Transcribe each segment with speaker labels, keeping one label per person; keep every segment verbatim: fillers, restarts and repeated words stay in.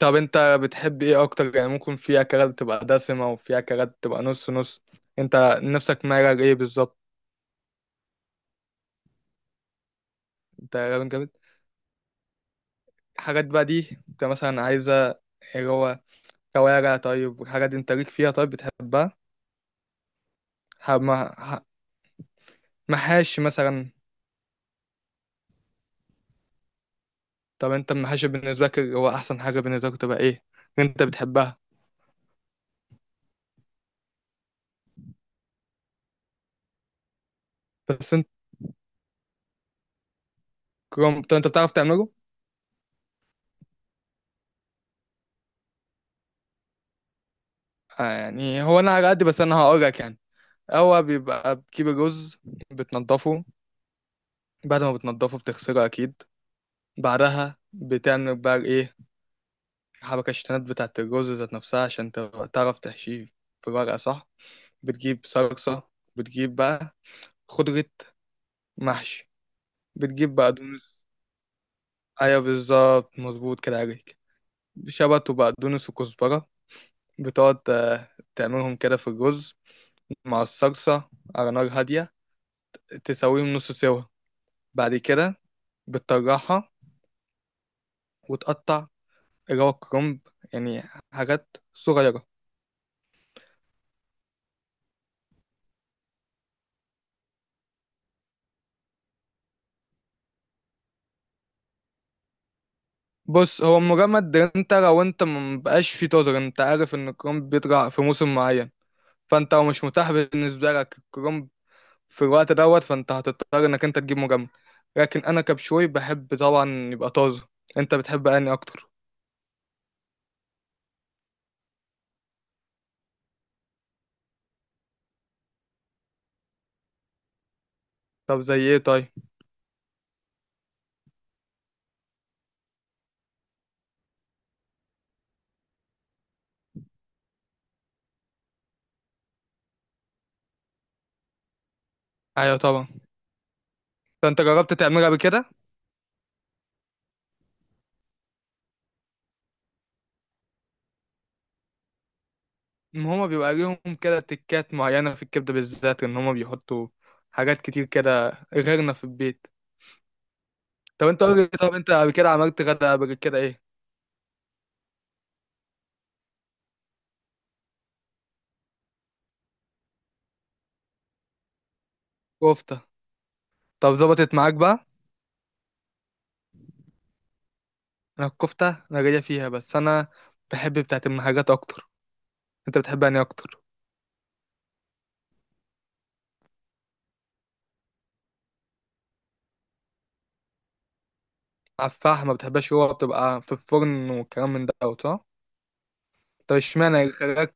Speaker 1: طب انت بتحب ايه اكتر؟ يعني ممكن في اكلات بتبقى دسمة وفي اكلات بتبقى نص نص. انت نفسك مايل ايه بالظبط؟ انت راجل جامد. الحاجات بقى دي انت مثلا عايزة، اللي هو كوارع طيب، والحاجات دي انت ليك فيها؟ طيب بتحبها؟ ح- مع- ح- محاشي مثلا. طب انت المحاشي بالنسبة لك، اللي هو احسن حاجة بالنسبة لك، تبقى ايه؟ انت بتحبها؟ بس انت، كرم- طب انت بتعرف تعمله؟ آه، يعني هو انا على قد، بس انا هقولك يعني. هو بيبقى بتجيب الرز، بتنضفه، بعد ما بتنضفه بتغسله اكيد، بعدها بتعمل بقى ايه؟ حبكة الشتانات بتاعة الرز ذات نفسها عشان ت- تعرف تحشيه في الورقة، صح؟ بتجيب صلصة، بتجيب بقى خضرة محشي، بتجيب بقدونس. ايوه بالظبط، مظبوط كده عليك. شبت وبقدونس وكزبرة، بتقعد آه، تعملهم كده في الرز مع الصلصة، على نار هادية، تسويهم نص سوا. بعد كده بتطرحها وتقطع، اللي هو كرنب، يعني حاجات صغيرة. بص، هو مجمد. انت لو انت مبقاش في تزر، انت عارف ان الكرنب بيطلع في موسم معين، فانت لو مش متاح بالنسبه لك الكرنب في الوقت دوت، فانت هتضطر انك انت تجيب مجمد. لكن انا كبشوي بحب طبعا يبقى طازه. انت بتحب اني اكتر؟ طب زي ايه طيب؟ ايوه طبعا. فانت جربت تعملها بكده؟ ما هما بيبقى ليهم كده تكات معينه في الكبده بالذات، ان هما بيحطوا حاجات كتير كده غيرنا في البيت. طب انت قول لي، طب انت قبل كده عملت غدا قبل كده ايه؟ كفته. طب ظبطت معاك بقى؟ انا الكفتة انا جاية فيها، بس انا بحب بتاعة المحاجات اكتر. انت بتحبها يعني اكتر؟ على الفحم ما بتحبهاش؟ هو بتبقى في الفرن والكلام من دوت، صح؟ طب اشمعنى يخرجك؟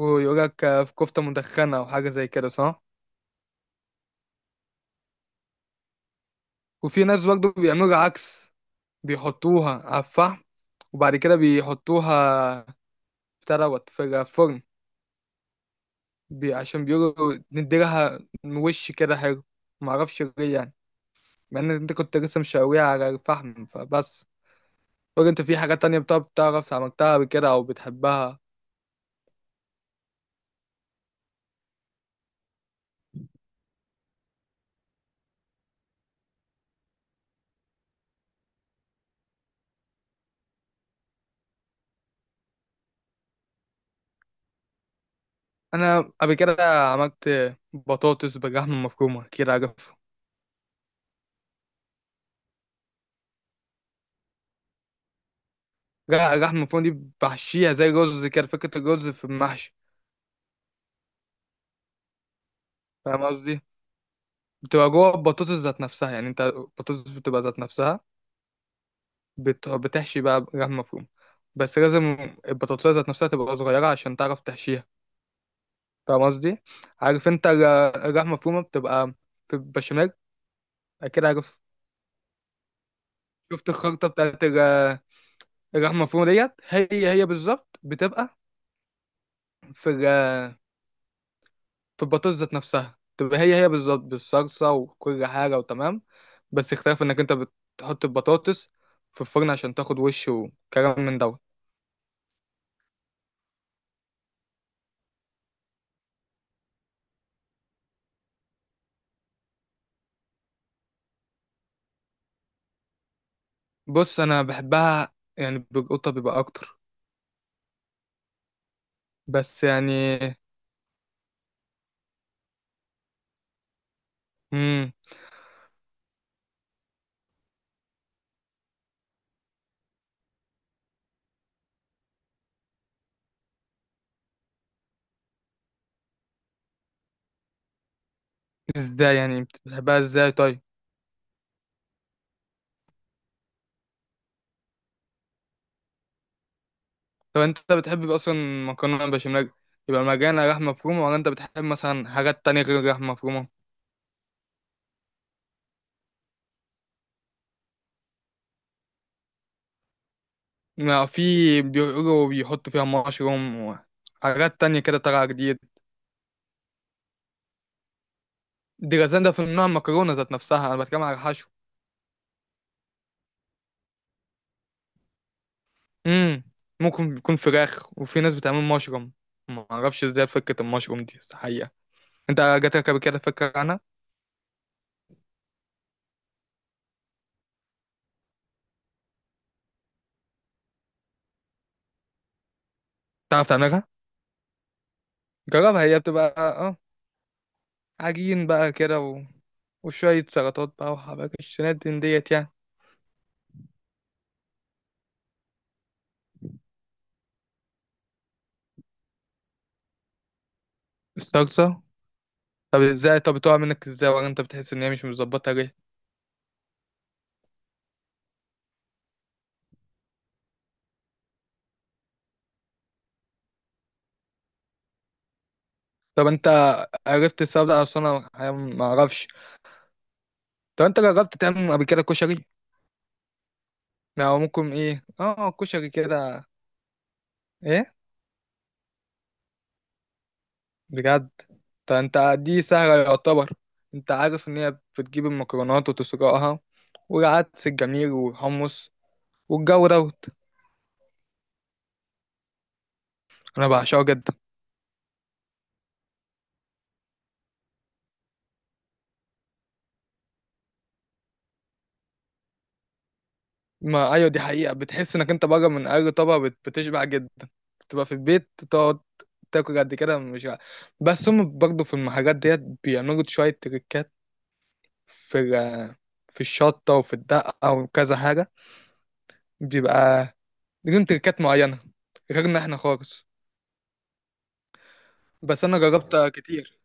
Speaker 1: ويقولك؟ في كفتة مدخنة او حاجة زي كده، صح؟ وفي ناس برضه بيعملوا العكس، بيحطوها على الفحم، وبعد كده بيحطوها بتاع دوت في الفرن، بي، عشان بيقولوا نديلها وش كده حلو. معرفش ليه يعني، مع ان انت كنت لسه مشاويها على الفحم فبس. قولي انت، في حاجات تانية بتعرف بتعرف عملتها قبل كده او بتحبها؟ انا قبل كده عملت بطاطس باللحمة المفرومة، كده عارف؟ لا، اللحمة المفرومة دي بحشيها زي رز، كده فكرة الرز في المحشي. فاهم قصدي؟ بتبقى جوه البطاطس ذات نفسها، يعني انت البطاطس بتبقى ذات نفسها، بت- بتحشي بقى لحمة مفرومة. بس لازم البطاطس ذات نفسها تبقى صغيرة عشان تعرف تحشيها. فاهم قصدي؟ عارف انت ال- اللحمة المفرومة بتبقى في البشاميل، كده عارف؟ شفت الخلطة بتاعت اللحمه المفرومه ديت؟ هي هي بالظبط بتبقى في ال- في البطاطس ذات نفسها، تبقى هي هي بالظبط بالصلصه وكل حاجه وتمام. بس اختلاف انك انت بتحط البطاطس في الفرن عشان تاخد وش وكلام من دوت. بص انا بحبها يعني بالقطه بيبقى اكتر، بس يعني امم ازاي يعني؟ بت- بتحبها ازاي طيب؟ طب انت بتحب اصلا مكرونه بشاميل يبقى مجانا لحمه مفرومه، ولا انت بتحب مثلا حاجات تانية غير اللحمه مفرومه؟ ما في، بيقولوا بيحطوا فيها مشروم وحاجات تانية كده طالعة جديد. دي ده في نوع المكرونة ذات نفسها، أنا بتكلم على الحشو. امم ممكن يكون فراخ، وفي ناس بتعمل مشروم. ما أعرفش إزاي فكرة المشروم دي الحقيقة. أنت جاتلك قبل كده فكرة عنها؟ تعرف تعملها؟ جربها، هي بتبقى أه عجين بقى كده و... وشوية سلطات بقى وحباك الشنات من ديت يعني. الصلصة؟ طب إزاي؟ طب بتقع منك إزاي، ولا أنت بتحس إن هي مش مظبطة ليه؟ طب أنت عرفت السبب ده اصلا؟ انا ما اعرفش. طب انت جربت تعمل قبل كده كشري، او ممكن ايه، اه كشري كده؟ ايه؟ بجد؟ طب انت دي سهله يعتبر. انت عارف ان هي بتجيب المكرونات وتسلقها، والعدس الجميل والحمص والجو دوت. انا بعشقه جدا. ما ايوه، دي حقيقه، بتحس انك انت بره من اي طبق بت- بتشبع جدا. بتبقى في البيت تقعد تاكل قد كده مش ع- بس هم برضه في المحلات ديت بيعملوا شويه تريكات، في ال- في الشطه وفي الدقه وكذا حاجه، بيبقى ليهم تركات معينة غيرنا احنا خالص. بس انا جربت كتير.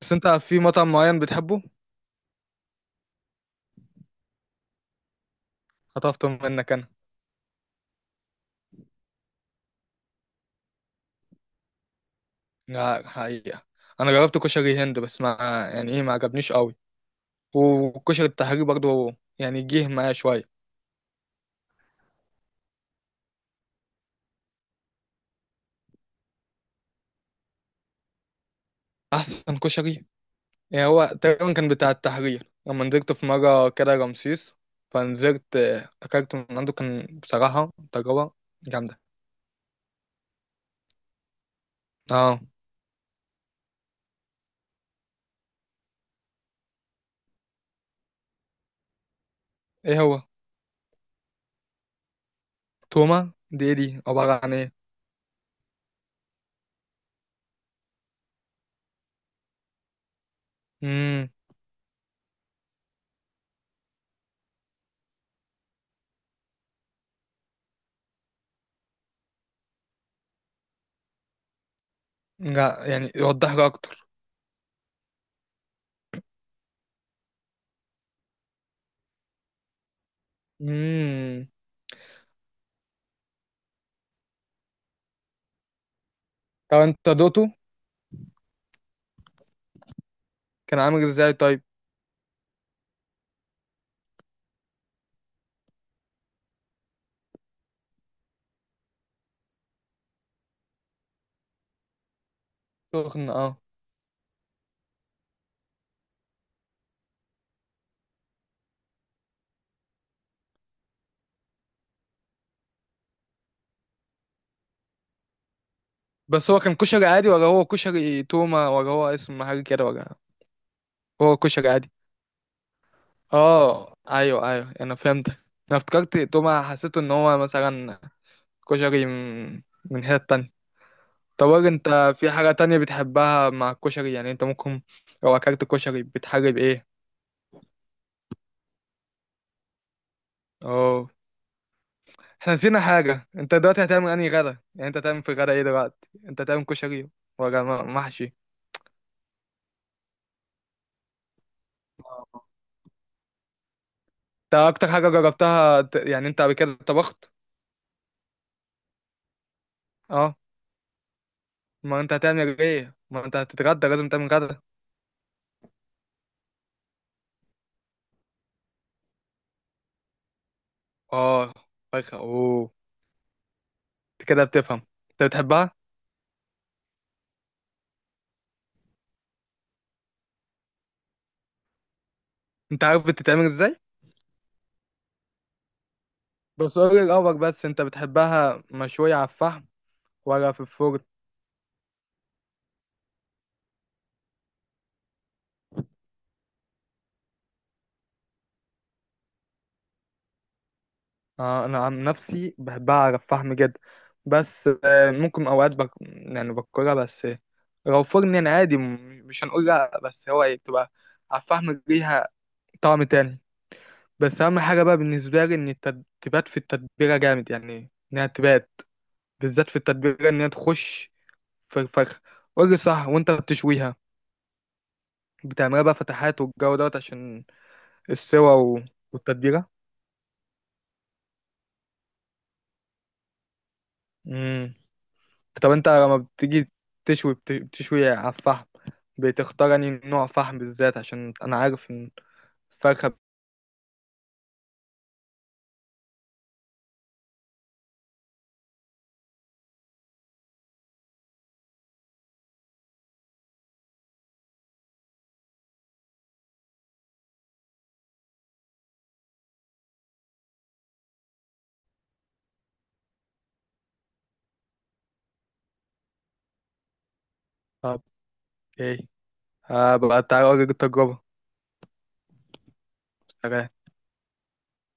Speaker 1: بس انت، في مطعم معين بتحبه؟ خطفته منك انا. لا حقيقة، انا جربت كشري هند بس ما، يعني ايه، ما عجبنيش قوي. والكشري التحرير برضو يعني جه معايا شوية. احسن كشري، يعني هو تقريبا كان بتاع التحرير، لما نزلت في مرة كده رمسيس، فنزلت آه، اكلت من عنده، كان بصراحة تجربة جامدة. اه، ايه هو؟ توما دي ايه؟ دي عبارة عن ايه؟ لا يعني، يوضح لي اكتر. امم طب انت دوته كان عامل ازاي طيب؟ سخن، اه. بس هو كان كشري عادي، ولا هو كشري تومة، ولا هو اسم محل كده، ولا هو كشري عادي؟ اه ايوه ايوه، انا فهمتك. انا افتكرت تومة، حسيت ان هو مثلا كشري من من حتة تانية. طب قول لي انت، في حاجة تانية بتحبها مع الكشري؟ يعني انت ممكن لو اكلت كشري بتحلي بايه؟ اه، احنا نسينا حاجة، انت دلوقتي هتعمل انهي غدا؟ يعني انت هتعمل في غدا ايه دلوقتي؟ انت هتعمل كشري ولا م- محشي؟ آه. انت اكتر حاجة جربتها ت- يعني انت قبل كده طبخت؟ اه، ما انت هتعمل ايه؟ ما انت هتتغدى، لازم تعمل غدا. اه، فرخة اوه. انت كده بتفهم. انت بتحبها؟ انت عارف بتتعمل ازاي؟ بس قولي الاول، بس انت بتحبها مشوية على الفحم ولا في الفرن؟ آه، انا عن نفسي بحبها على الفحم جدا، بس آه، ممكن اوقات بك... يعني باكلها، بس آه، لو فرن يعني عادي، م- مش هنقول لا، بس هو ايه، بتبقى على الفحم ليها طعم تاني. بس اهم حاجه بقى بالنسبه لي ان التد- تبات في التتبيله جامد، يعني انها تبات بالذات في التتبيله، انها تخش في الفرخه، قول لي صح. وانت بتشويها بتعملها بقى فتحات والجو دوت عشان السوا و... والتتبيله. طب انت لما بتيجي تشوي، بت- بتشوي على الفحم، بتختار انهي نوع فحم بالذات؟ عشان انا عارف ان الفرخة بت- ايه، هبقى تعالى اوريك التجربة.